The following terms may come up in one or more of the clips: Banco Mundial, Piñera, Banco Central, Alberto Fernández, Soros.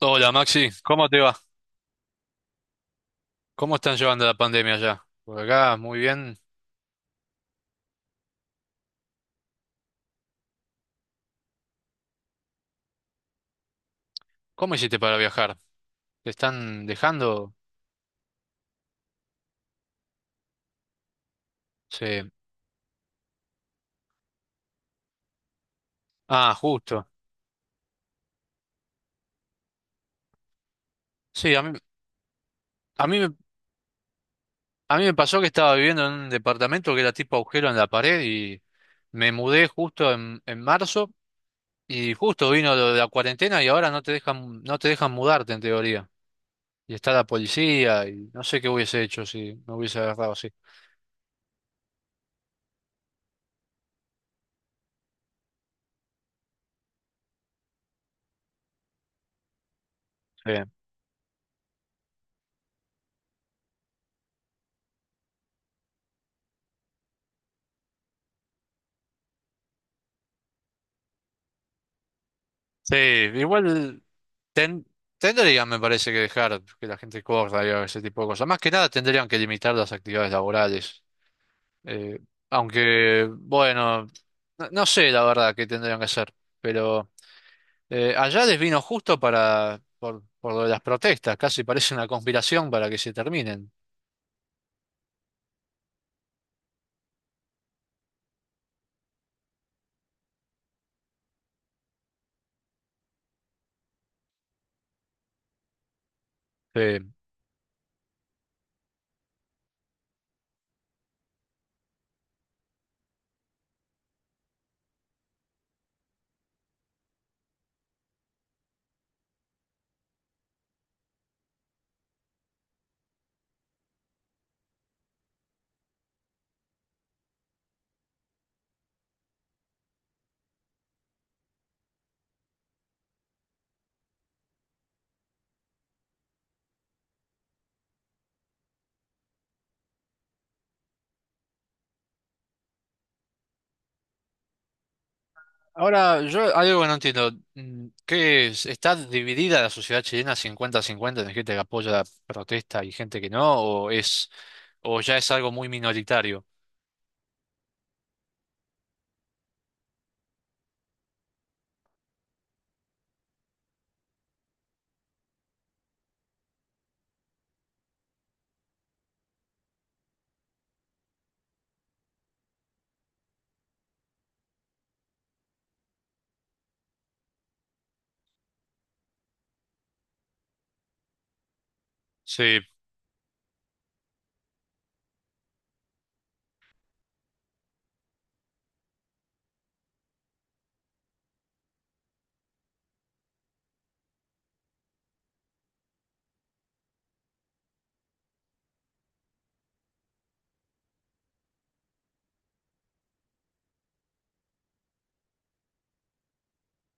Hola Maxi, ¿cómo te va? ¿Cómo están llevando la pandemia allá? Por acá, muy bien. ¿Cómo hiciste para viajar? ¿Te están dejando? Sí. Ah, justo. Sí, a mí, me- a mí me pasó que estaba viviendo en un departamento que era tipo agujero en la pared y me mudé justo en marzo y justo vino lo de la cuarentena y ahora no te dejan, no te dejan mudarte en teoría. Y está la policía y no sé qué hubiese hecho si me hubiese agarrado así. Sí. Sí, igual ten- tendrían, me parece, que dejar que la gente corra y haga ese tipo de cosas. Más que nada tendrían que limitar las actividades laborales. Eh, aunque, bueno, no, no sé la verdad qué tendrían que hacer, pero allá les vino justo por lo de las protestas, casi parece una conspiración para que se terminen. Sí. Ahora, yo hay algo que no entiendo. ¿Qué es? ¿Está dividida la sociedad chilena 50 cincuenta en gente que apoya la protesta y gente que no? ¿O ya es algo muy minoritario? Sí.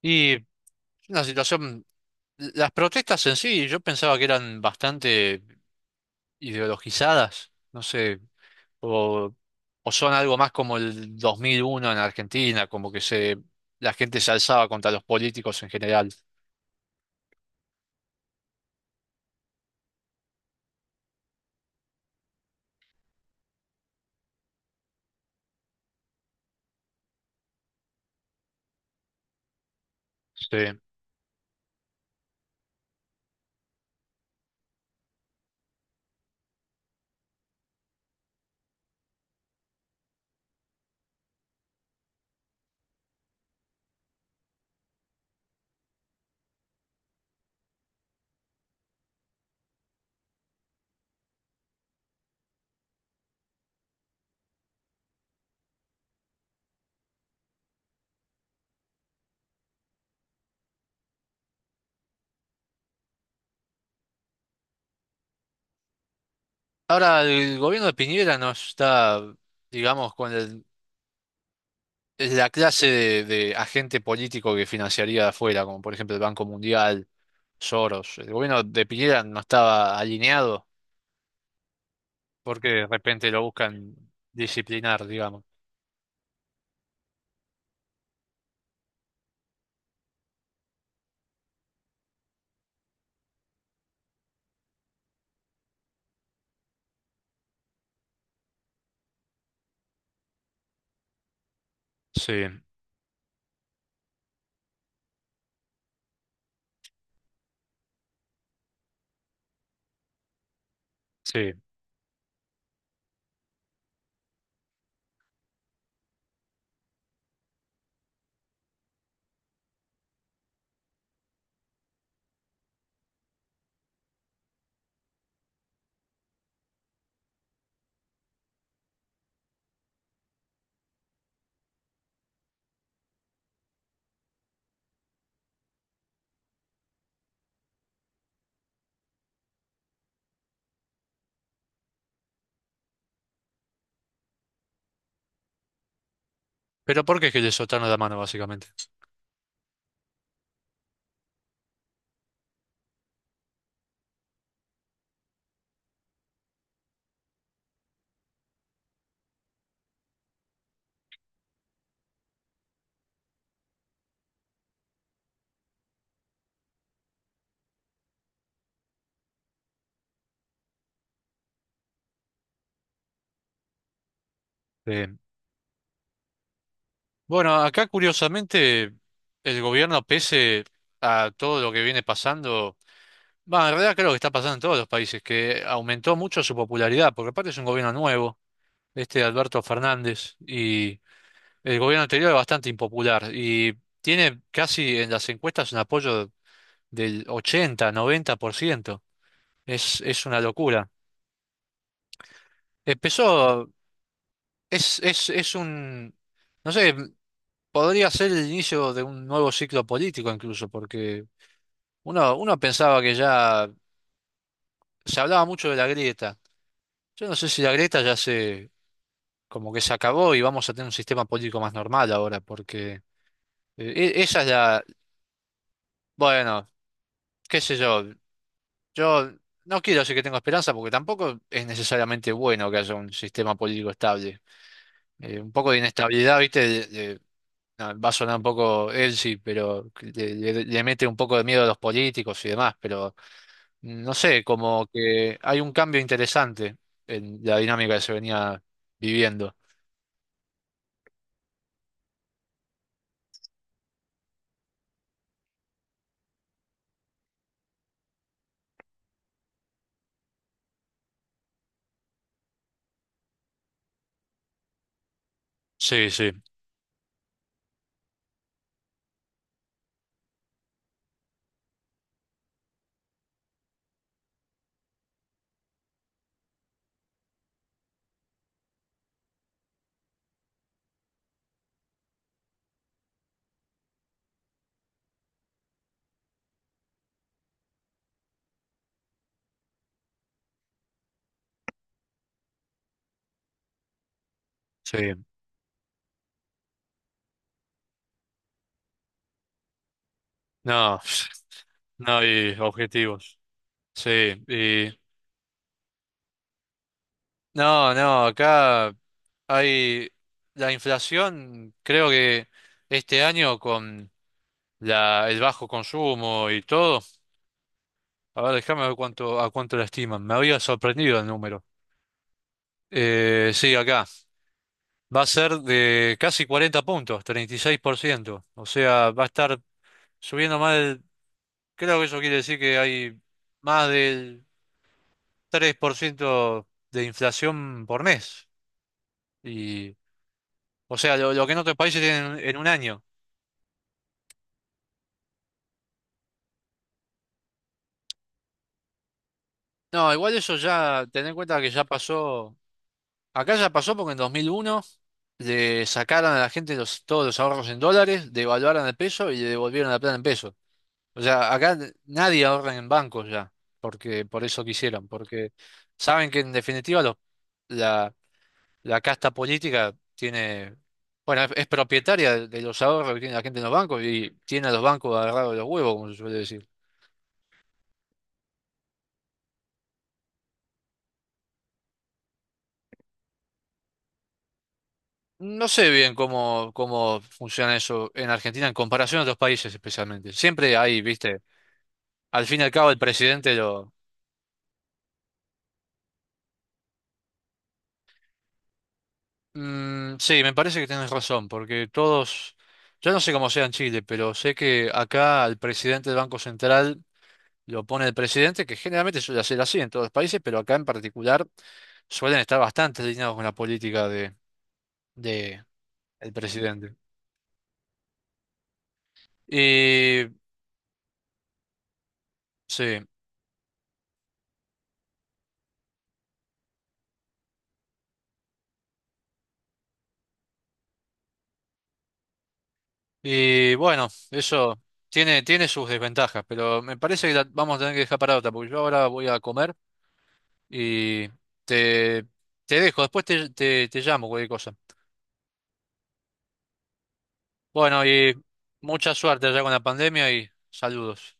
Y la situación, las protestas en sí, yo pensaba que eran bastante ideologizadas, no sé, o, o son algo más como el 2001 en Argentina, como que la gente se alzaba contra los políticos en general. Sí. Ahora, el gobierno de Piñera no está, digamos, con el- es la clase de agente político que financiaría de afuera, como por ejemplo el Banco Mundial, Soros. El gobierno de Piñera no estaba alineado porque de repente lo buscan disciplinar, digamos. Sí, sí. Pero ¿por qué es que le soltaron la mano, básicamente? Sí. Bueno, acá curiosamente el gobierno, pese a todo lo que viene pasando, va, en realidad creo que está pasando en todos los países, que aumentó mucho su popularidad, porque aparte es un gobierno nuevo, este de Alberto Fernández, y el gobierno anterior es bastante impopular, y tiene casi en las encuestas un apoyo del 80, 90%. Es una locura. Empezó, es un, no sé, podría ser el inicio de un nuevo ciclo político incluso, porque uno pensaba que ya se hablaba mucho de la grieta. Yo no sé si la grieta ya se como que se acabó y vamos a tener un sistema político más normal ahora, porque esa es la, bueno, qué sé yo, yo no quiero decir que tengo esperanza porque tampoco es necesariamente bueno que haya un sistema político estable. Un poco de inestabilidad, ¿viste? No, va a sonar un poco sí pero que le mete un poco de miedo a los políticos y demás, pero no sé, como que hay un cambio interesante en la dinámica que se venía viviendo. Sí, sí, sí. No. No, y objetivos. Sí, y no, no, acá hay la inflación, creo que este año con la, el bajo consumo y todo, a ver, déjame ver cuánto, a cuánto la estiman. Me había sorprendido el número. Sí, acá va a ser de casi 40 puntos, 36%. O sea, va a estar subiendo. Creo que eso quiere decir que hay más del 3% de inflación por mes. O sea, lo que en otros países tienen en un año. No, igual eso ya, ten en cuenta que ya pasó, acá ya pasó porque en 2001 le sacaron a la gente todos los ahorros en dólares, devaluaron el peso y le devolvieron la plata en pesos. O sea, acá nadie ahorra en bancos ya, porque por eso quisieron, porque saben que en definitiva la, la casta política tiene, bueno, es propietaria de los ahorros que tiene la gente en los bancos y tiene a los bancos agarrados de los huevos, como se suele decir. No sé bien cómo funciona eso en Argentina en comparación a otros países especialmente. Siempre hay, viste, al fin y al cabo el presidente lo... Mm, sí, me parece que tienes razón, porque todos, yo no sé cómo sea en Chile, pero sé que acá al presidente del Banco Central lo pone el presidente, que generalmente suele ser así en todos los países, pero acá en particular suelen estar bastante alineados con la política de el presidente. Y sí. Y bueno, eso tiene, tiene sus desventajas, pero me parece que la vamos a tener que dejar para otra, porque yo ahora voy a comer y te, te dejo, después te llamo, cualquier cosa. Bueno, y mucha suerte allá con la pandemia y saludos.